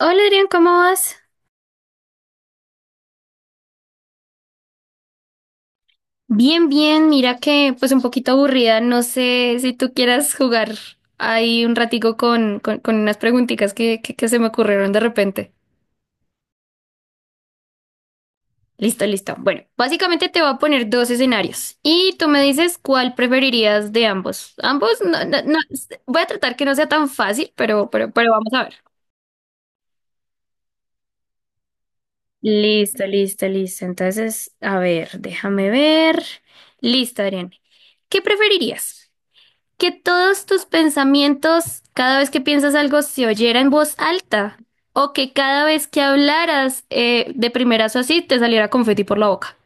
Hola Adrián, ¿cómo vas? Bien, bien, mira que pues un poquito aburrida, no sé si tú quieras jugar ahí un ratico con unas preguntitas que se me ocurrieron de repente. Listo, listo. Bueno, básicamente te voy a poner dos escenarios y tú me dices cuál preferirías de ambos. Ambos, no, no, no, voy a tratar que no sea tan fácil, pero vamos a ver. Listo, listo, listo. Entonces, a ver, déjame ver. Listo, Adrián. ¿Qué preferirías? Que todos tus pensamientos, cada vez que piensas algo, se oyera en voz alta. O que cada vez que hablaras de primerazo así, te saliera confeti por la boca.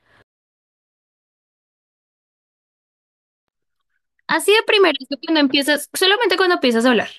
Así de primerazo cuando empiezas, solamente cuando empiezas a hablar.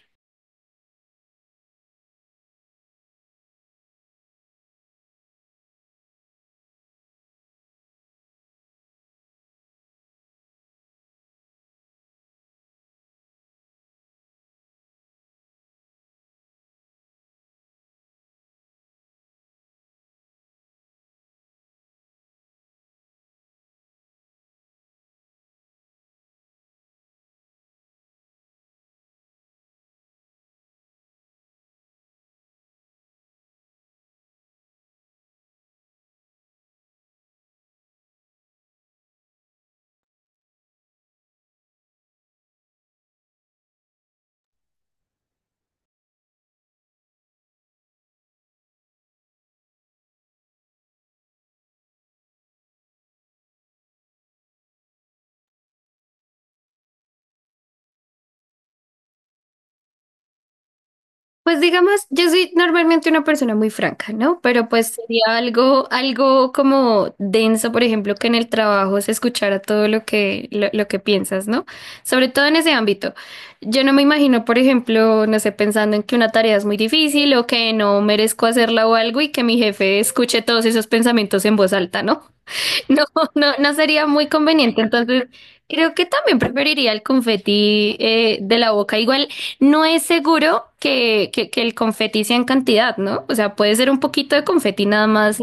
Pues digamos, yo soy normalmente una persona muy franca, ¿no? Pero pues sería algo, algo como denso, por ejemplo, que en el trabajo se escuchara todo lo que piensas, ¿no? Sobre todo en ese ámbito. Yo no me imagino, por ejemplo, no sé, pensando en que una tarea es muy difícil o que no merezco hacerla o algo y que mi jefe escuche todos esos pensamientos en voz alta, ¿no? No, no, no sería muy conveniente. Entonces, creo que también preferiría el confeti de la boca. Igual, no es seguro que el confeti sea en cantidad, ¿no? O sea, puede ser un poquito de confeti nada más,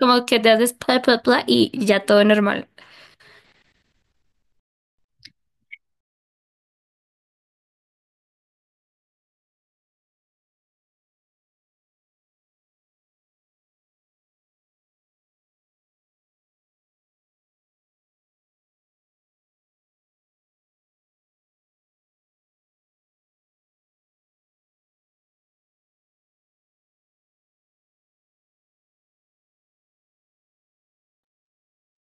como que te haces pla, pla, pla y ya todo normal.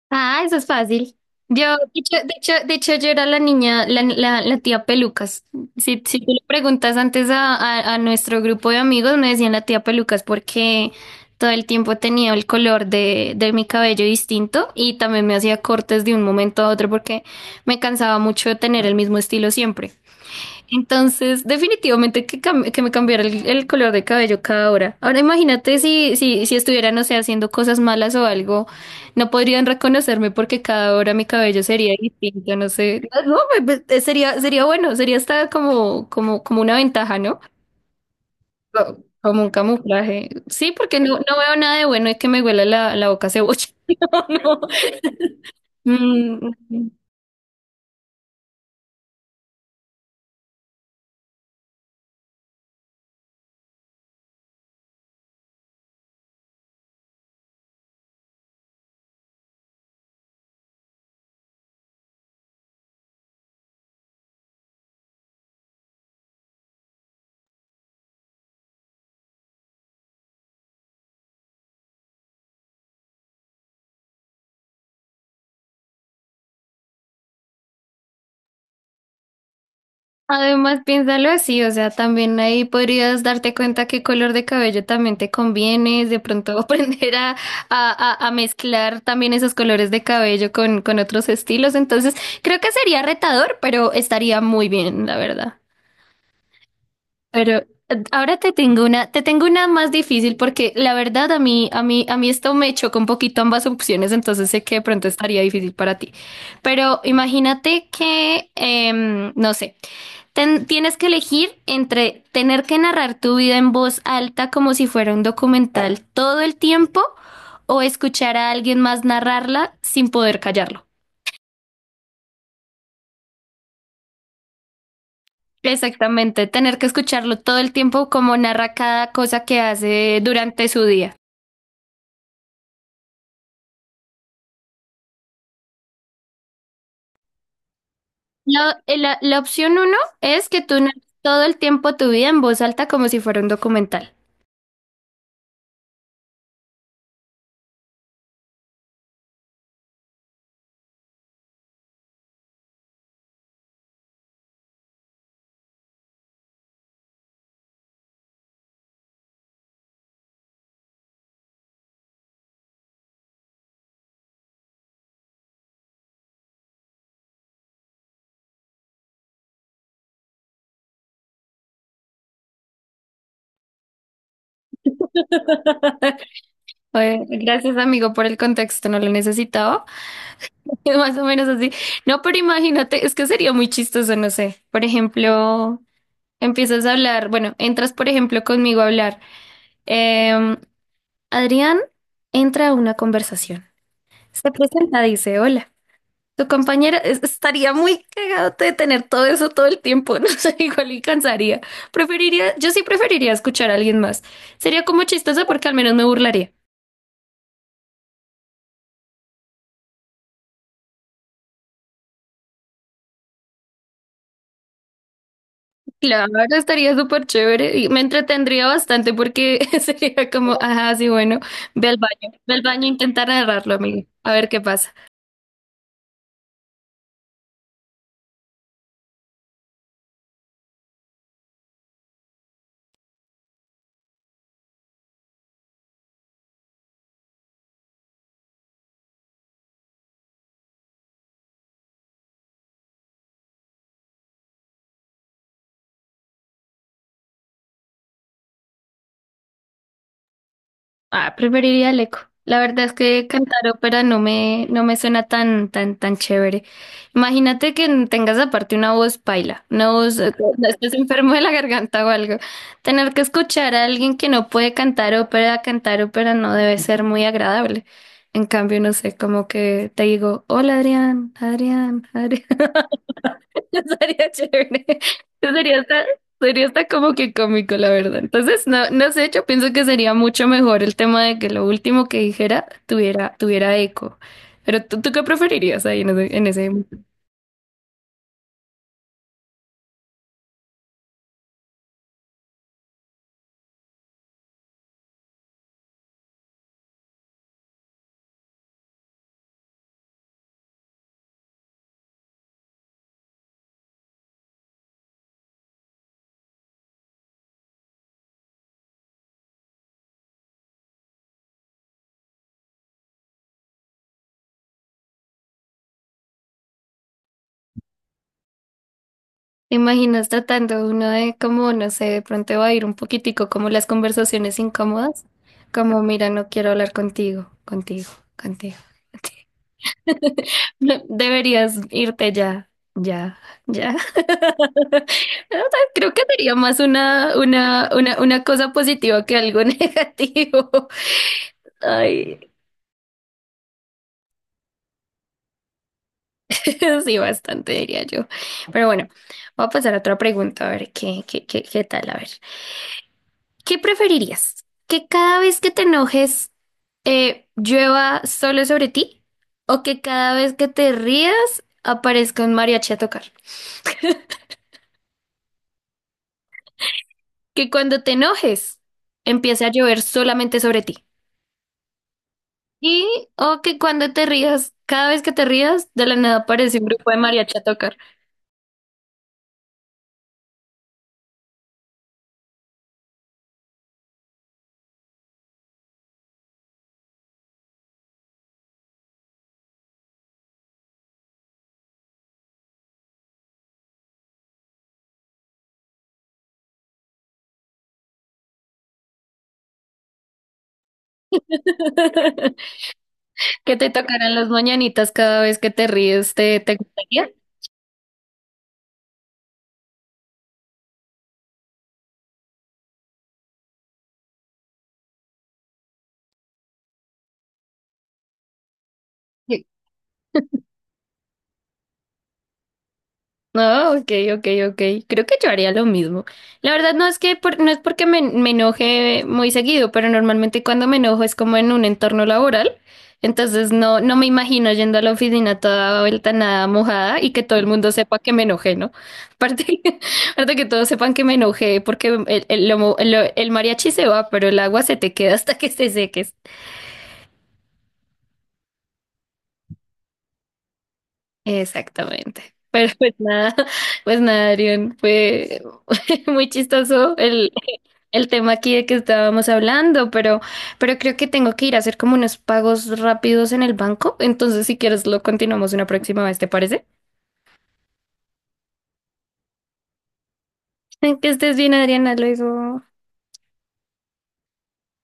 Ah, eso es fácil. Yo, de hecho, yo era la niña, la tía Pelucas. Si, si tú le preguntas antes a nuestro grupo de amigos, me decían la tía Pelucas porque todo el tiempo tenía el color de mi cabello distinto y también me hacía cortes de un momento a otro porque me cansaba mucho de tener el mismo estilo siempre. Entonces, definitivamente que, que me cambiara el color de cabello cada hora. Ahora imagínate si estuviera, no sé, haciendo cosas malas o algo, no podrían reconocerme porque cada hora mi cabello sería distinto, no sé. No, sería, sería bueno, sería hasta como una ventaja, ¿no? Como un camuflaje. Sí, porque no, no veo nada de bueno es que me huela la boca a cebolla. No, no. Mm, mm, mm. Además, piénsalo así, o sea, también ahí podrías darte cuenta qué color de cabello también te conviene, de pronto aprender a mezclar también esos colores de cabello con otros estilos. Entonces, creo que sería retador, pero estaría muy bien, la verdad. Pero ahora te tengo una más difícil porque la verdad a mí esto me chocó un poquito ambas opciones, entonces sé que de pronto estaría difícil para ti. Pero imagínate que, no sé. Tienes que elegir entre tener que narrar tu vida en voz alta como si fuera un documental todo el tiempo o escuchar a alguien más narrarla sin poder callarlo. Exactamente, tener que escucharlo todo el tiempo como narra cada cosa que hace durante su día. La opción uno es que tú narres todo el tiempo tu vida en voz alta como si fuera un documental. Gracias, amigo, por el contexto, no lo necesitaba. Es más o menos así. No, pero imagínate, es que sería muy chistoso, no sé. Por ejemplo, empiezas a hablar, bueno, entras, por ejemplo, conmigo a hablar. Em, Adrián entra a una conversación. Se presenta, dice, hola. Tu compañera estaría muy cagado de tener todo eso todo el tiempo, no sé, igual y cansaría. Preferiría, yo sí preferiría escuchar a alguien más. Sería como chistoso porque al menos me burlaría. Claro, estaría súper chévere y me entretendría bastante porque sería como, ajá, sí, bueno, ve al baño a intentar agarrarlo, amigo, a ver qué pasa. Ah, preferiría el eco. La verdad es que cantar ópera no me suena tan chévere. Imagínate que tengas aparte una voz paila, una voz, que estés enfermo de la garganta o algo. Tener que escuchar a alguien que no puede cantar ópera no debe ser muy agradable. En cambio, no sé, como que te digo, hola Adrián, Adrián, Adrián. Eso sería chévere. Eso sería hasta, sería hasta como que cómico, la verdad. Entonces, no, no sé, yo pienso que sería mucho mejor el tema de que lo último que dijera tuviera, tuviera eco. Pero tú, ¿tú qué preferirías ahí en ese? ¿Te imaginas tratando uno de como, no sé, de pronto va a ir un poquitico como las conversaciones incómodas? Como, mira, no quiero hablar contigo, contigo. No, deberías irte ya, ya, ya. O sea, creo que sería más una cosa positiva que algo negativo. Ay, sí, bastante diría yo. Pero bueno, voy a pasar a otra pregunta, a ver qué tal, a ver. ¿Qué preferirías? ¿Que cada vez que te enojes llueva solo sobre ti? ¿O que cada vez que te rías aparezca un mariachi a tocar? ¿Que cuando te enojes empiece a llover solamente sobre ti? ¿Y o que cuando te rías, cada vez que te rías, de la nada aparece un grupo de mariachi a tocar? Que te tocaran las mañanitas cada vez que te ríes, ¿te, te gustaría? No, ok, ok, ok. Creo que yo haría lo mismo. La verdad no es que no es porque me enoje muy seguido, pero normalmente cuando me enojo es como en un entorno laboral. Entonces no, no me imagino yendo a la oficina toda vuelta nada mojada y que todo el mundo sepa que me enojé, ¿no? Aparte, aparte que todos sepan que me enojé porque el, lo mo- lo- el mariachi se va, pero el agua se te queda hasta que se seques. Exactamente. Pero pues nada, pues nada, Arión, fue muy chistoso el tema aquí de que estábamos hablando, pero creo que tengo que ir a hacer como unos pagos rápidos en el banco. Entonces, si quieres, lo continuamos una próxima vez, ¿te parece? Que estés bien, Adriana, luego.